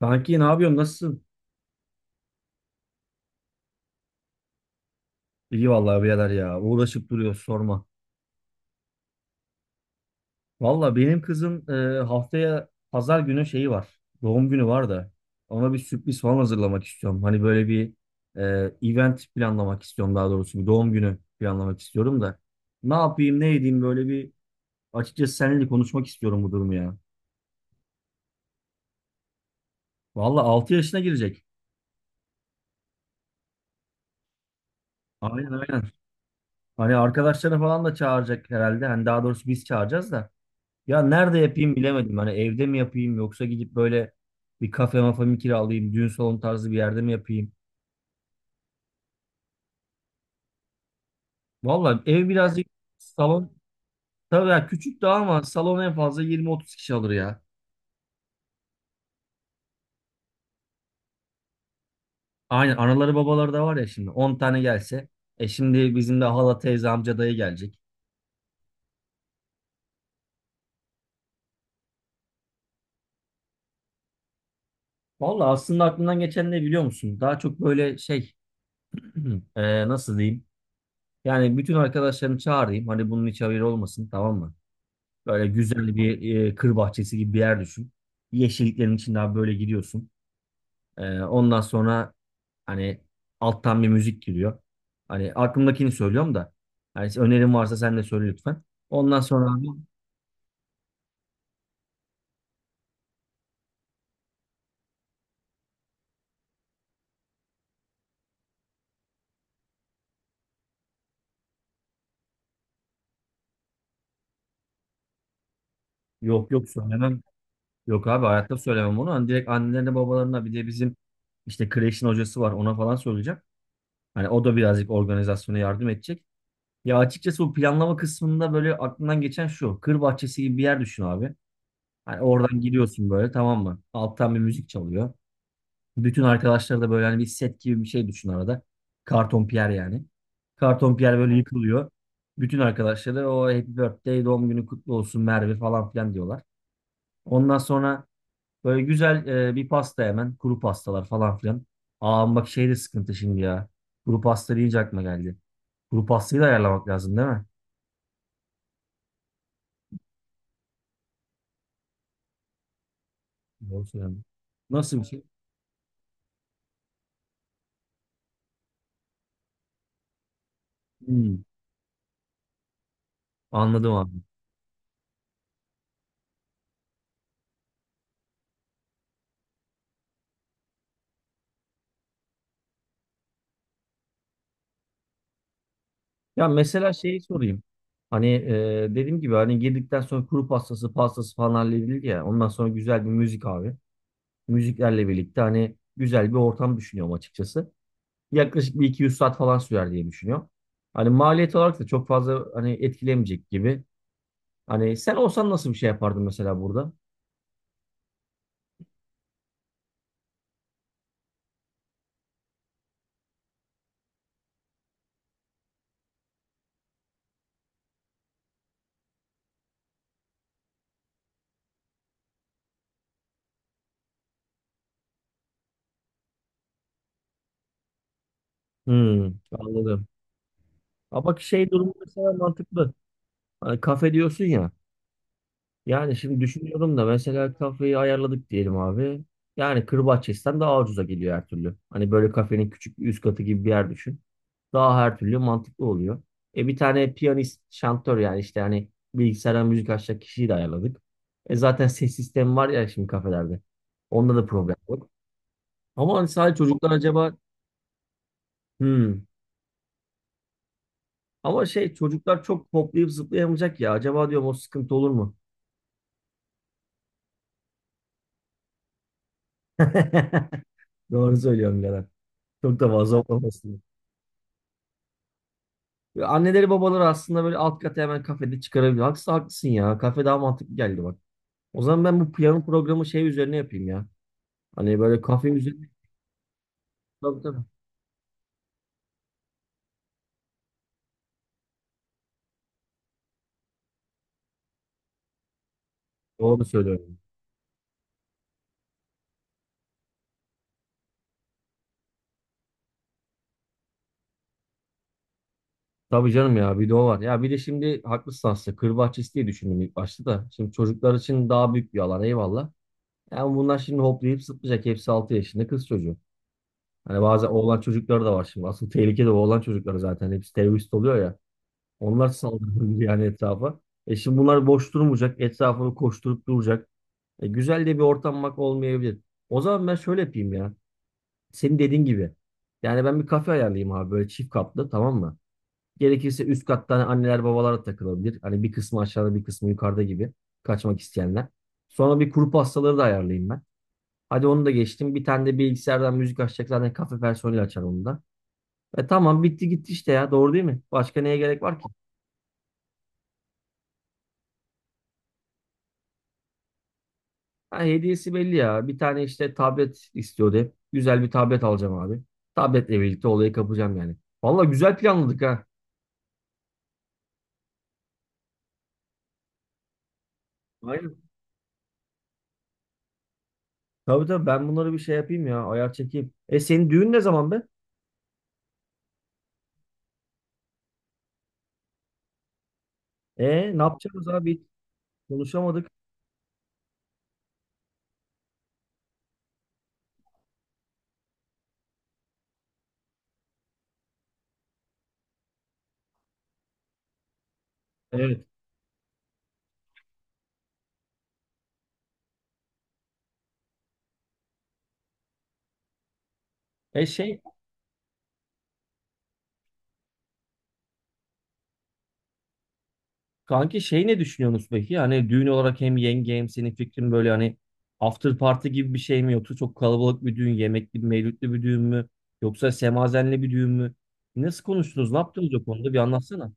Kanki ne yapıyorsun? Nasılsın? İyi vallahi birader ya. Uğraşıp duruyoruz. Sorma. Valla benim kızın haftaya pazar günü şeyi var. Doğum günü var da. Ona bir sürpriz falan hazırlamak istiyorum. Hani böyle bir e, event planlamak istiyorum daha doğrusu. Bir doğum günü planlamak istiyorum da. Ne yapayım ne edeyim böyle bir açıkçası seninle konuşmak istiyorum bu durumu ya. Valla 6 yaşına girecek. Aynen aynen. Hani arkadaşları falan da çağıracak herhalde. Hani daha doğrusu biz çağıracağız da. Ya nerede yapayım bilemedim. Hani evde mi yapayım yoksa gidip böyle bir kafe mafa mı kiralayayım, düğün salonu tarzı bir yerde mi yapayım? Vallahi ev birazcık salon tabii ya küçük daha ama salon en fazla 20-30 kişi alır ya. Aynen anaları babaları da var ya şimdi 10 tane gelse. E şimdi bizim de hala teyze amca dayı gelecek. Vallahi aslında aklımdan geçen ne biliyor musun? Daha çok böyle şey nasıl diyeyim? Yani bütün arkadaşlarımı çağırayım. Hani bunun hiç haberi olmasın tamam mı? Böyle güzel bir kır bahçesi gibi bir yer düşün. Yeşilliklerin içinde abi böyle gidiyorsun. Ondan sonra hani alttan bir müzik giriyor. Hani aklımdakini söylüyorum da. Hani önerin varsa sen de söyle lütfen. Ondan sonra abi yok yok söylemem. Yok abi hayatta söylemem onu. Hani direkt annelerine babalarına bir de bizim işte kreşin hocası var ona falan söyleyeceğim. Hani o da birazcık organizasyona yardım edecek. Ya açıkçası bu planlama kısmında böyle aklımdan geçen şu. Kır bahçesi gibi bir yer düşün abi. Hani oradan giriyorsun böyle tamam mı? Alttan bir müzik çalıyor. Bütün arkadaşlar da böyle hani bir set gibi bir şey düşün arada. Karton Pierre yani. Karton Pierre böyle yıkılıyor. Bütün arkadaşları o Happy Birthday, doğum günü kutlu olsun Merve falan filan diyorlar. Ondan sonra böyle güzel bir pasta hemen. Kuru pastalar falan filan. Aa bak şey de sıkıntı şimdi ya. Kuru pasta deyince aklıma geldi. Kuru pastayı da ayarlamak lazım değil mi? Doğru söylüyorum. Nasıl bir şey? Hmm, anladım abi. Ya mesela şeyi sorayım. Hani dediğim gibi hani girdikten sonra kuru pastası falan halledildi ya. Ondan sonra güzel bir müzik abi. Müziklerle birlikte hani güzel bir ortam düşünüyorum açıkçası. Yaklaşık bir 200 saat falan sürer diye düşünüyorum. Hani maliyet olarak da çok fazla hani etkilemeyecek gibi. Hani sen olsan nasıl bir şey yapardın mesela burada? Hmm, anladım. Ama bak şey durumu mesela mantıklı. Hani kafe diyorsun ya. Yani şimdi düşünüyorum da mesela kafeyi ayarladık diyelim abi. Yani Kırbaçyes'ten daha ucuza geliyor her türlü. Hani böyle kafenin küçük bir üst katı gibi bir yer düşün. Daha her türlü mantıklı oluyor. E bir tane piyanist, şantör yani işte hani bilgisayardan müzik açacak kişiyi de ayarladık. E zaten ses sistemi var ya şimdi kafelerde. Onda da problem yok. Ama hani sadece çocuklar acaba hmm. Ama şey çocuklar çok hoplayıp zıplayamayacak ya. Acaba diyorum o sıkıntı olur mu? Doğru söylüyorsun Gelen. Çok da fazla olmasın. Ya anneleri babaları aslında böyle alt kata hemen kafede çıkarabilir. Haksız haklısın ya. Kafe daha mantıklı geldi bak. O zaman ben bu piyano programı şey üzerine yapayım ya. Hani böyle kafe üzerine. Tabii tabii. Doğru söylüyorum. Tabii canım ya bir de o var. Ya bir de şimdi haklısın aslında. Kır bahçesi diye düşündüm ilk başta da. Şimdi çocuklar için daha büyük bir alan eyvallah. Yani bunlar şimdi hoplayıp zıplayacak. Hepsi 6 yaşında kız çocuğu. Hani bazen oğlan çocukları da var şimdi. Asıl tehlike de oğlan çocukları zaten. Hepsi terörist oluyor ya. Onlar saldırır yani etrafa. E şimdi bunlar boş durmayacak. Etrafını koşturup duracak. E güzel de bir ortam bak olmayabilir. O zaman ben şöyle yapayım ya. Senin dediğin gibi. Yani ben bir kafe ayarlayayım abi böyle çift katlı tamam mı? Gerekirse üst katta hani anneler babalar da takılabilir. Hani bir kısmı aşağıda bir kısmı yukarıda gibi kaçmak isteyenler. Sonra bir kuru pastaları da ayarlayayım ben. Hadi onu da geçtim. Bir tane de bilgisayardan müzik açacak zaten kafe personeli açar onu da. E tamam bitti gitti işte ya doğru değil mi? Başka neye gerek var ki? Ha, hediyesi belli ya. Bir tane işte tablet istiyordu hep. Güzel bir tablet alacağım abi. Tabletle birlikte olayı kapacağım yani. Valla güzel planladık ha. Aynen. Tabii tabii ben bunları bir şey yapayım ya. Ayar çekeyim. E senin düğün ne zaman be? E ne yapacağız abi? Konuşamadık. Evet. E şey kanki şey ne düşünüyorsunuz peki? Hani düğün olarak hem yenge hem senin fikrin böyle hani after party gibi bir şey mi yoksa çok kalabalık bir düğün, yemekli, mevlütlü bir düğün mü? Yoksa semazenli bir düğün mü? Nasıl konuştunuz? Ne yaptınız o konuda? Bir anlatsana.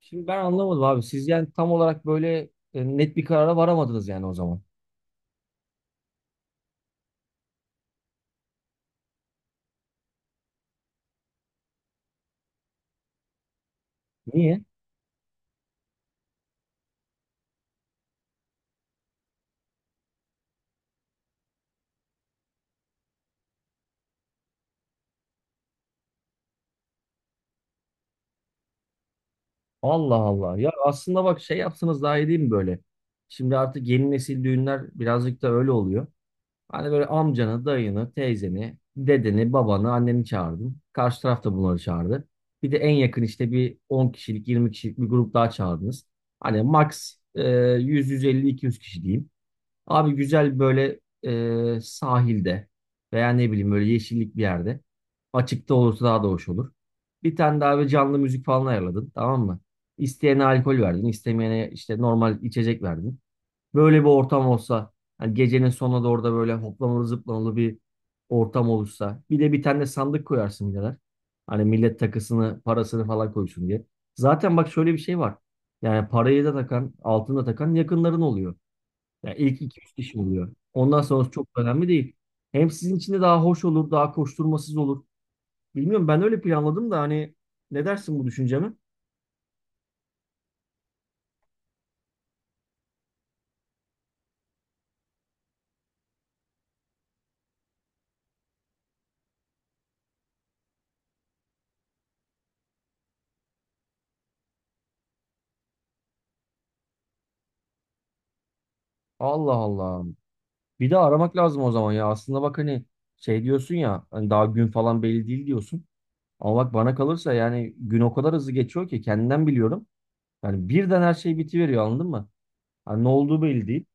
Şimdi ben anlamadım abi. Siz yani tam olarak böyle net bir karara varamadınız yani o zaman. Niye? Allah Allah. Ya aslında bak şey yapsanız daha iyi değil mi böyle? Şimdi artık yeni nesil düğünler birazcık da öyle oluyor. Hani böyle amcanı, dayını, teyzeni, dedeni, babanı, anneni çağırdın. Karşı taraf da bunları çağırdı. Bir de en yakın işte bir 10 kişilik, 20 kişilik bir grup daha çağırdınız. Hani max 100, 150, 200 kişi diyeyim. Abi güzel böyle sahilde veya ne bileyim böyle yeşillik bir yerde. Açıkta olursa daha da hoş olur. Bir tane daha bir canlı müzik falan ayarladın tamam mı? İsteyene alkol verdin, istemeyene işte normal içecek verdin. Böyle bir ortam olsa, hani gecenin sonuna doğru da böyle hoplamalı zıplamalı bir ortam olursa. Bir de bir tane de sandık koyarsın birader. Hani millet takısını, parasını falan koysun diye. Zaten bak şöyle bir şey var. Yani parayı da takan, altını da takan yakınların oluyor. Yani ilk iki üç kişi oluyor. Ondan sonrası çok önemli değil. Hem sizin için de daha hoş olur, daha koşturmasız olur. Bilmiyorum ben öyle planladım da hani ne dersin bu düşünceme? Allah Allah. Bir de aramak lazım o zaman ya. Aslında bak hani şey diyorsun ya hani daha gün falan belli değil diyorsun. Ama bak bana kalırsa yani gün o kadar hızlı geçiyor ki kendimden biliyorum. Yani birden her şey bitiveriyor anladın mı? Hani ne olduğu belli değil.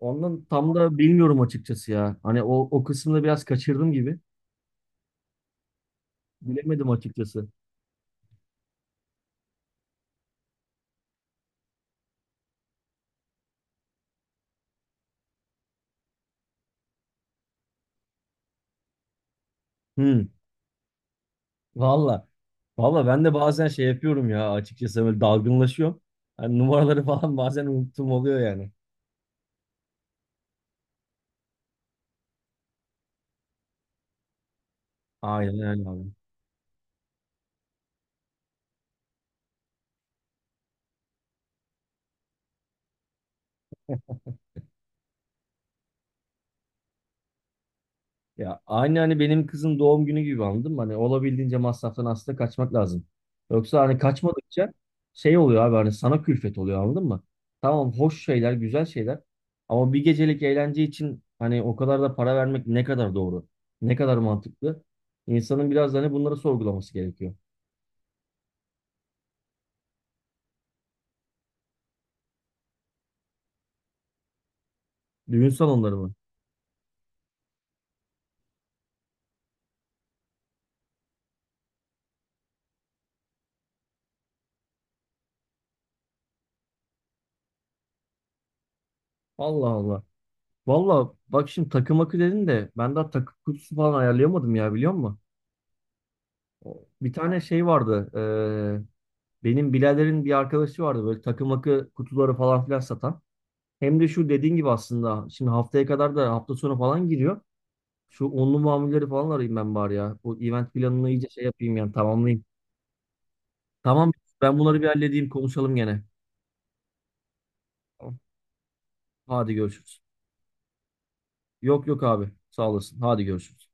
Ondan tam da bilmiyorum açıkçası ya. Hani o kısımda biraz kaçırdım gibi. Bilemedim açıkçası. Hı, valla. Valla ben de bazen şey yapıyorum ya açıkçası böyle dalgınlaşıyorum. Hani numaraları falan bazen unuttum oluyor yani. Aynen öyle abi. Ya aynı hani benim kızın doğum günü gibi anladım. Hani olabildiğince masraftan aslında kaçmak lazım. Yoksa hani kaçmadıkça şey oluyor abi hani sana külfet oluyor anladın mı? Tamam hoş şeyler, güzel şeyler. Ama bir gecelik eğlence için hani o kadar da para vermek ne kadar doğru? Ne kadar mantıklı? İnsanın biraz da hani bunları sorgulaması gerekiyor. Düğün salonları mı? Allah Allah. Valla bak şimdi takım akı dedin de ben daha takım kutusu falan ayarlayamadım ya biliyor musun? Bir tane şey vardı. Benim biraderin bir arkadaşı vardı böyle takım akı kutuları falan filan satan. Hem de şu dediğin gibi aslında şimdi haftaya kadar da hafta sonu falan giriyor. Şu onlu mamulleri falan arayayım ben bari ya. Bu event planını iyice şey yapayım yani tamamlayayım. Tamam ben bunları bir halledeyim konuşalım gene. Tamam. Hadi görüşürüz. Yok yok abi sağ olasın. Hadi görüşürüz.